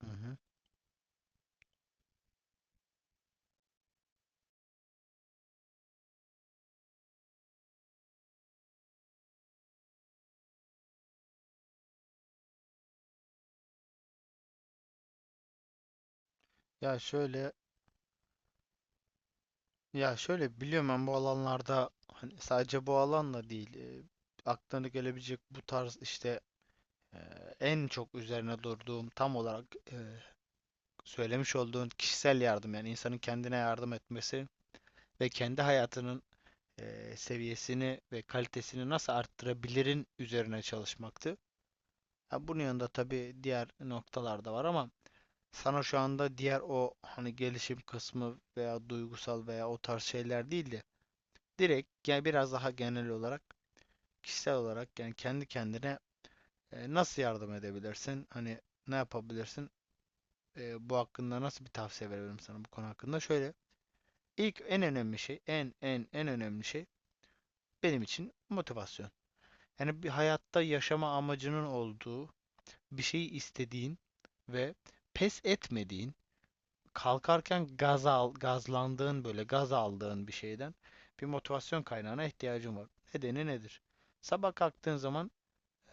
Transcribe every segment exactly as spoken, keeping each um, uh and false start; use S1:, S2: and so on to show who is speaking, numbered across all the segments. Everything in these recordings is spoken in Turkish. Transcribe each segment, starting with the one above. S1: Hı hı. Ya şöyle ya şöyle biliyorum ben bu alanlarda hani sadece bu alanla değil e, aklına gelebilecek bu tarz işte e, en çok üzerine durduğum tam olarak e, söylemiş olduğun kişisel yardım yani insanın kendine yardım etmesi ve kendi hayatının e, seviyesini ve kalitesini nasıl arttırabilirin üzerine çalışmaktı. Ha, bunun yanında tabii diğer noktalar da var ama sana şu anda diğer o hani gelişim kısmı veya duygusal veya o tarz şeyler değil de direkt yani biraz daha genel olarak kişisel olarak yani kendi kendine e, nasıl yardım edebilirsin? Hani ne yapabilirsin? E, bu hakkında nasıl bir tavsiye verebilirim sana bu konu hakkında? Şöyle ilk en önemli şey en en en önemli şey benim için motivasyon. Yani bir hayatta yaşama amacının olduğu bir şeyi istediğin ve pes etmediğin kalkarken gaz al, gazlandığın böyle gaz aldığın bir şeyden bir motivasyon kaynağına ihtiyacın var. Nedeni nedir? Sabah kalktığın zaman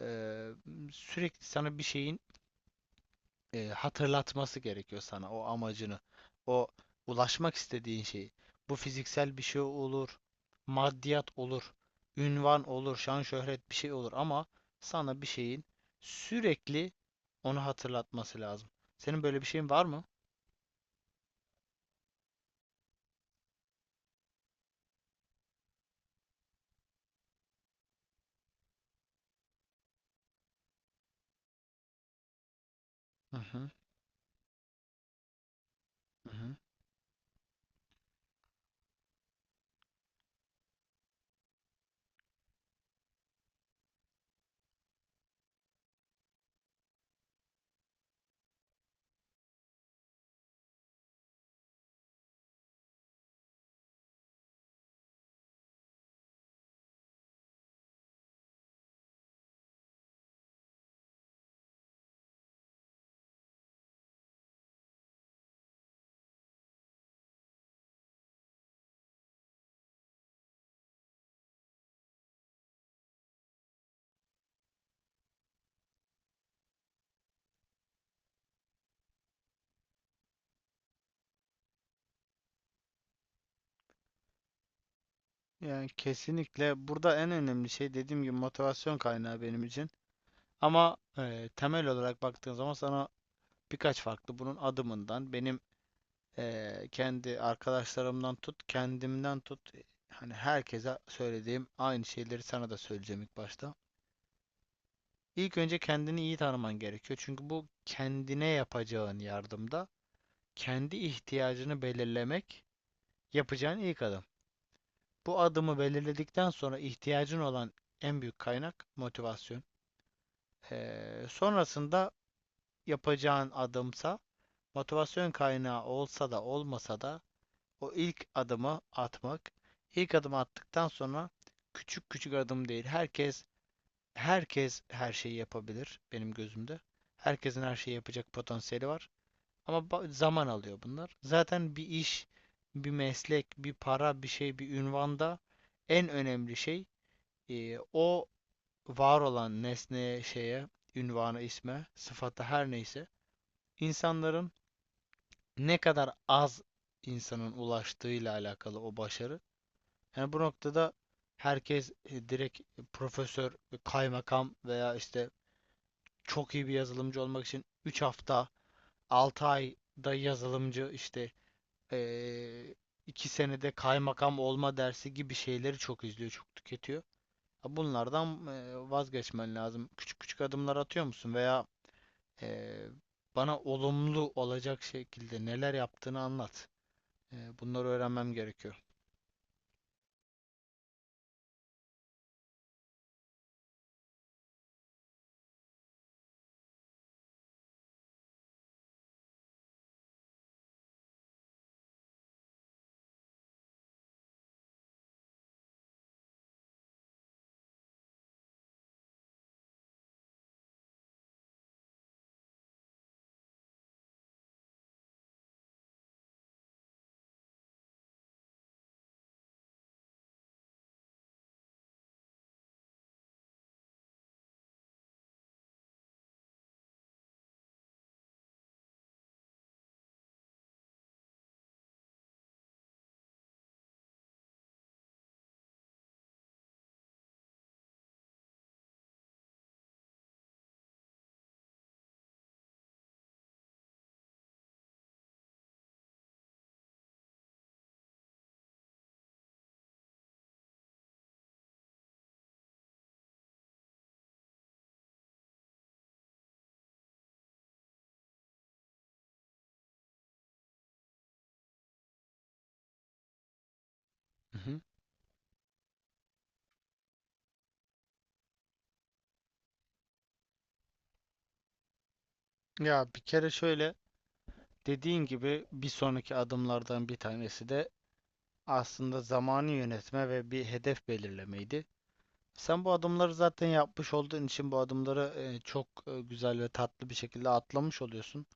S1: eee, sürekli sana bir şeyin eee, hatırlatması gerekiyor sana o amacını. O ulaşmak istediğin şeyi. Bu fiziksel bir şey olur, maddiyat olur, ünvan olur, şan şöhret bir şey olur ama sana bir şeyin sürekli onu hatırlatması lazım. Senin böyle bir şeyin var mı? Hı hı. hı hı. Yani kesinlikle burada en önemli şey dediğim gibi motivasyon kaynağı benim için. Ama eee, temel olarak baktığın zaman sana birkaç farklı bunun adımından benim. Eee, kendi arkadaşlarımdan tut, kendimden tut. Hani herkese söylediğim aynı şeyleri sana da söyleyeceğim ilk başta. İlk önce kendini iyi tanıman gerekiyor. Çünkü bu kendine yapacağın yardımda kendi ihtiyacını belirlemek yapacağın ilk adım. Bu adımı belirledikten sonra ihtiyacın olan en büyük kaynak motivasyon. Eee, sonrasında yapacağın adımsa motivasyon kaynağı olsa da olmasa da o ilk adımı atmak. İlk adımı attıktan sonra küçük küçük adım değil. Herkes herkes her şeyi yapabilir benim gözümde. Herkesin her şeyi yapacak potansiyeli var. Ama zaman alıyor bunlar. Zaten bir iş, bir meslek, bir para, bir şey, bir ünvanda en önemli şey e, o var olan nesneye, şeye, ünvana, isme, sıfata her neyse insanların ne kadar az insanın ulaştığıyla alakalı o başarı. Yani bu noktada herkes e, direkt e, profesör, e, kaymakam veya işte çok iyi bir yazılımcı olmak için üç hafta, altı ayda yazılımcı işte eee iki senede kaymakam olma dersi gibi şeyleri çok izliyor, çok tüketiyor. Ha, bunlardan eee, vazgeçmen lazım. Küçük küçük adımlar atıyor musun veya eee, bana olumlu olacak şekilde neler yaptığını anlat. Eee, bunları öğrenmem gerekiyor. Hı hı. Ya bir kere şöyle. Dediğin gibi bir sonraki adımlardan bir tanesi de aslında zamanı yönetme ve bir hedef belirlemeydi. Sen bu adımları zaten yapmış olduğun için bu adımları e, çok e, güzel ve tatlı bir şekilde atlamış oluyorsun.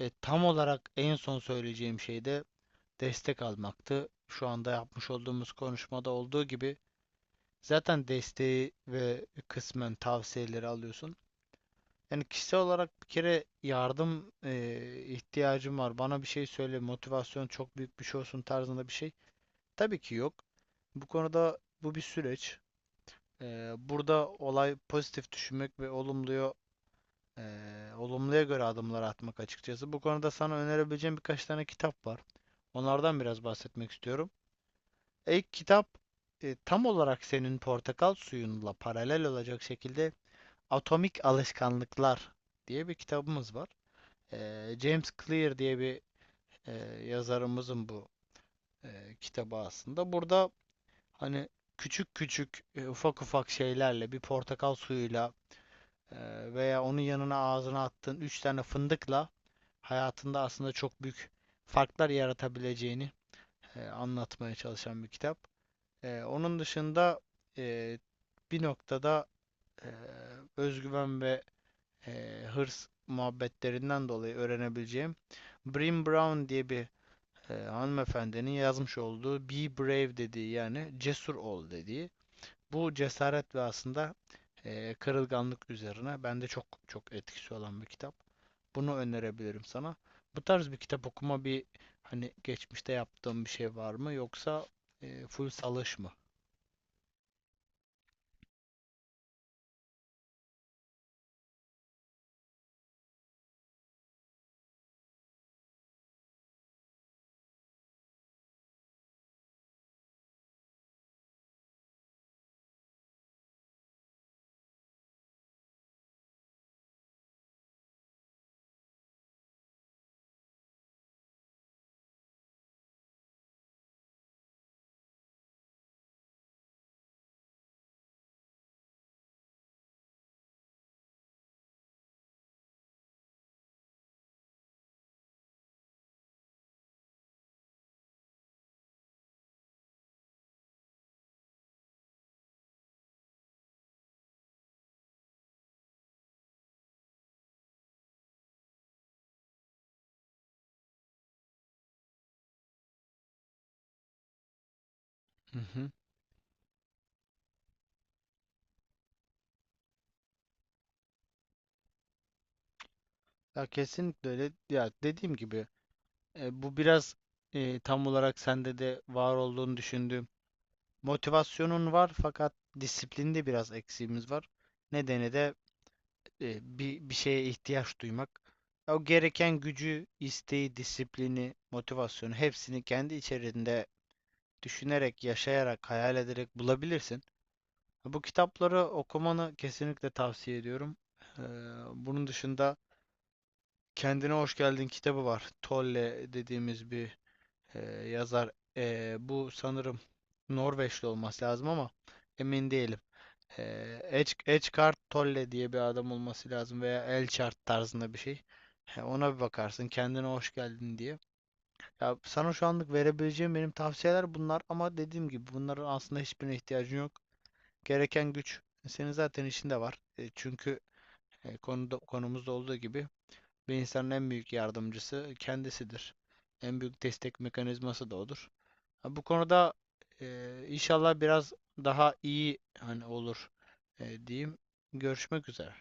S1: E, tam olarak en son söyleyeceğim şey de destek almaktı. Şu anda yapmış olduğumuz konuşmada olduğu gibi zaten desteği ve kısmen tavsiyeleri alıyorsun. Yani kişisel olarak bir kere yardım eee, ihtiyacım var. Bana bir şey söyle, motivasyon çok büyük bir şey olsun tarzında bir şey. Tabii ki yok. Bu konuda bu bir süreç. Eee, burada olay pozitif düşünmek ve olumluya eee, olumluya göre adımlar atmak açıkçası. Bu konuda sana önerebileceğim birkaç tane kitap var. Onlardan biraz bahsetmek istiyorum. İlk kitap e, tam olarak senin portakal suyunla paralel olacak şekilde Atomik Alışkanlıklar diye bir kitabımız var. Ee, James Clear diye bir e, yazarımızın bu e, kitabı aslında. Burada hani küçük küçük e, ufak ufak şeylerle bir portakal suyuyla e, veya onun yanına ağzına attığın üç tane fındıkla hayatında aslında çok büyük farklar yaratabileceğini e, anlatmaya çalışan bir kitap. E, onun dışında e, bir noktada e, özgüven ve e, hırs muhabbetlerinden dolayı öğrenebileceğim Brené Brown diye bir e, hanımefendinin yazmış olduğu Be Brave dediği yani cesur ol dediği. Bu cesaret ve aslında e, kırılganlık üzerine bende çok çok etkisi olan bir kitap. Bunu önerebilirim sana. Bu tarz bir kitap okuma bir hani geçmişte yaptığım bir şey var mı yoksa e, full salış mı? Hı hı. Ya kesinlikle öyle. Ya dediğim gibi e, bu biraz e, tam olarak sende de var olduğunu düşündüğüm motivasyonun var fakat disiplinde biraz eksiğimiz var. Nedeni de e, bir, bir şeye ihtiyaç duymak. O gereken gücü, isteği, disiplini, motivasyonu hepsini kendi içerisinde düşünerek, yaşayarak, hayal ederek bulabilirsin. Bu kitapları okumanı kesinlikle tavsiye ediyorum. Eee, Bunun dışında Kendine Hoş Geldin kitabı var. Tolle dediğimiz bir eee, yazar. Eee, bu sanırım Norveçli olması lazım ama emin değilim. Ee, Edge, Edgecard Tolle diye bir adam olması lazım veya Elchart tarzında bir şey. He, ona bir bakarsın kendine hoş geldin diye. Ya sana şu anlık verebileceğim benim tavsiyeler bunlar ama dediğim gibi bunların aslında hiçbirine ihtiyacın yok. Gereken güç senin zaten içinde var. E, çünkü e, konuda konumuzda olduğu gibi ve insanın en büyük yardımcısı kendisidir. En büyük destek mekanizması da odur. Ha, bu konuda e, inşallah biraz daha iyi hani olur e, diyeyim. Görüşmek üzere.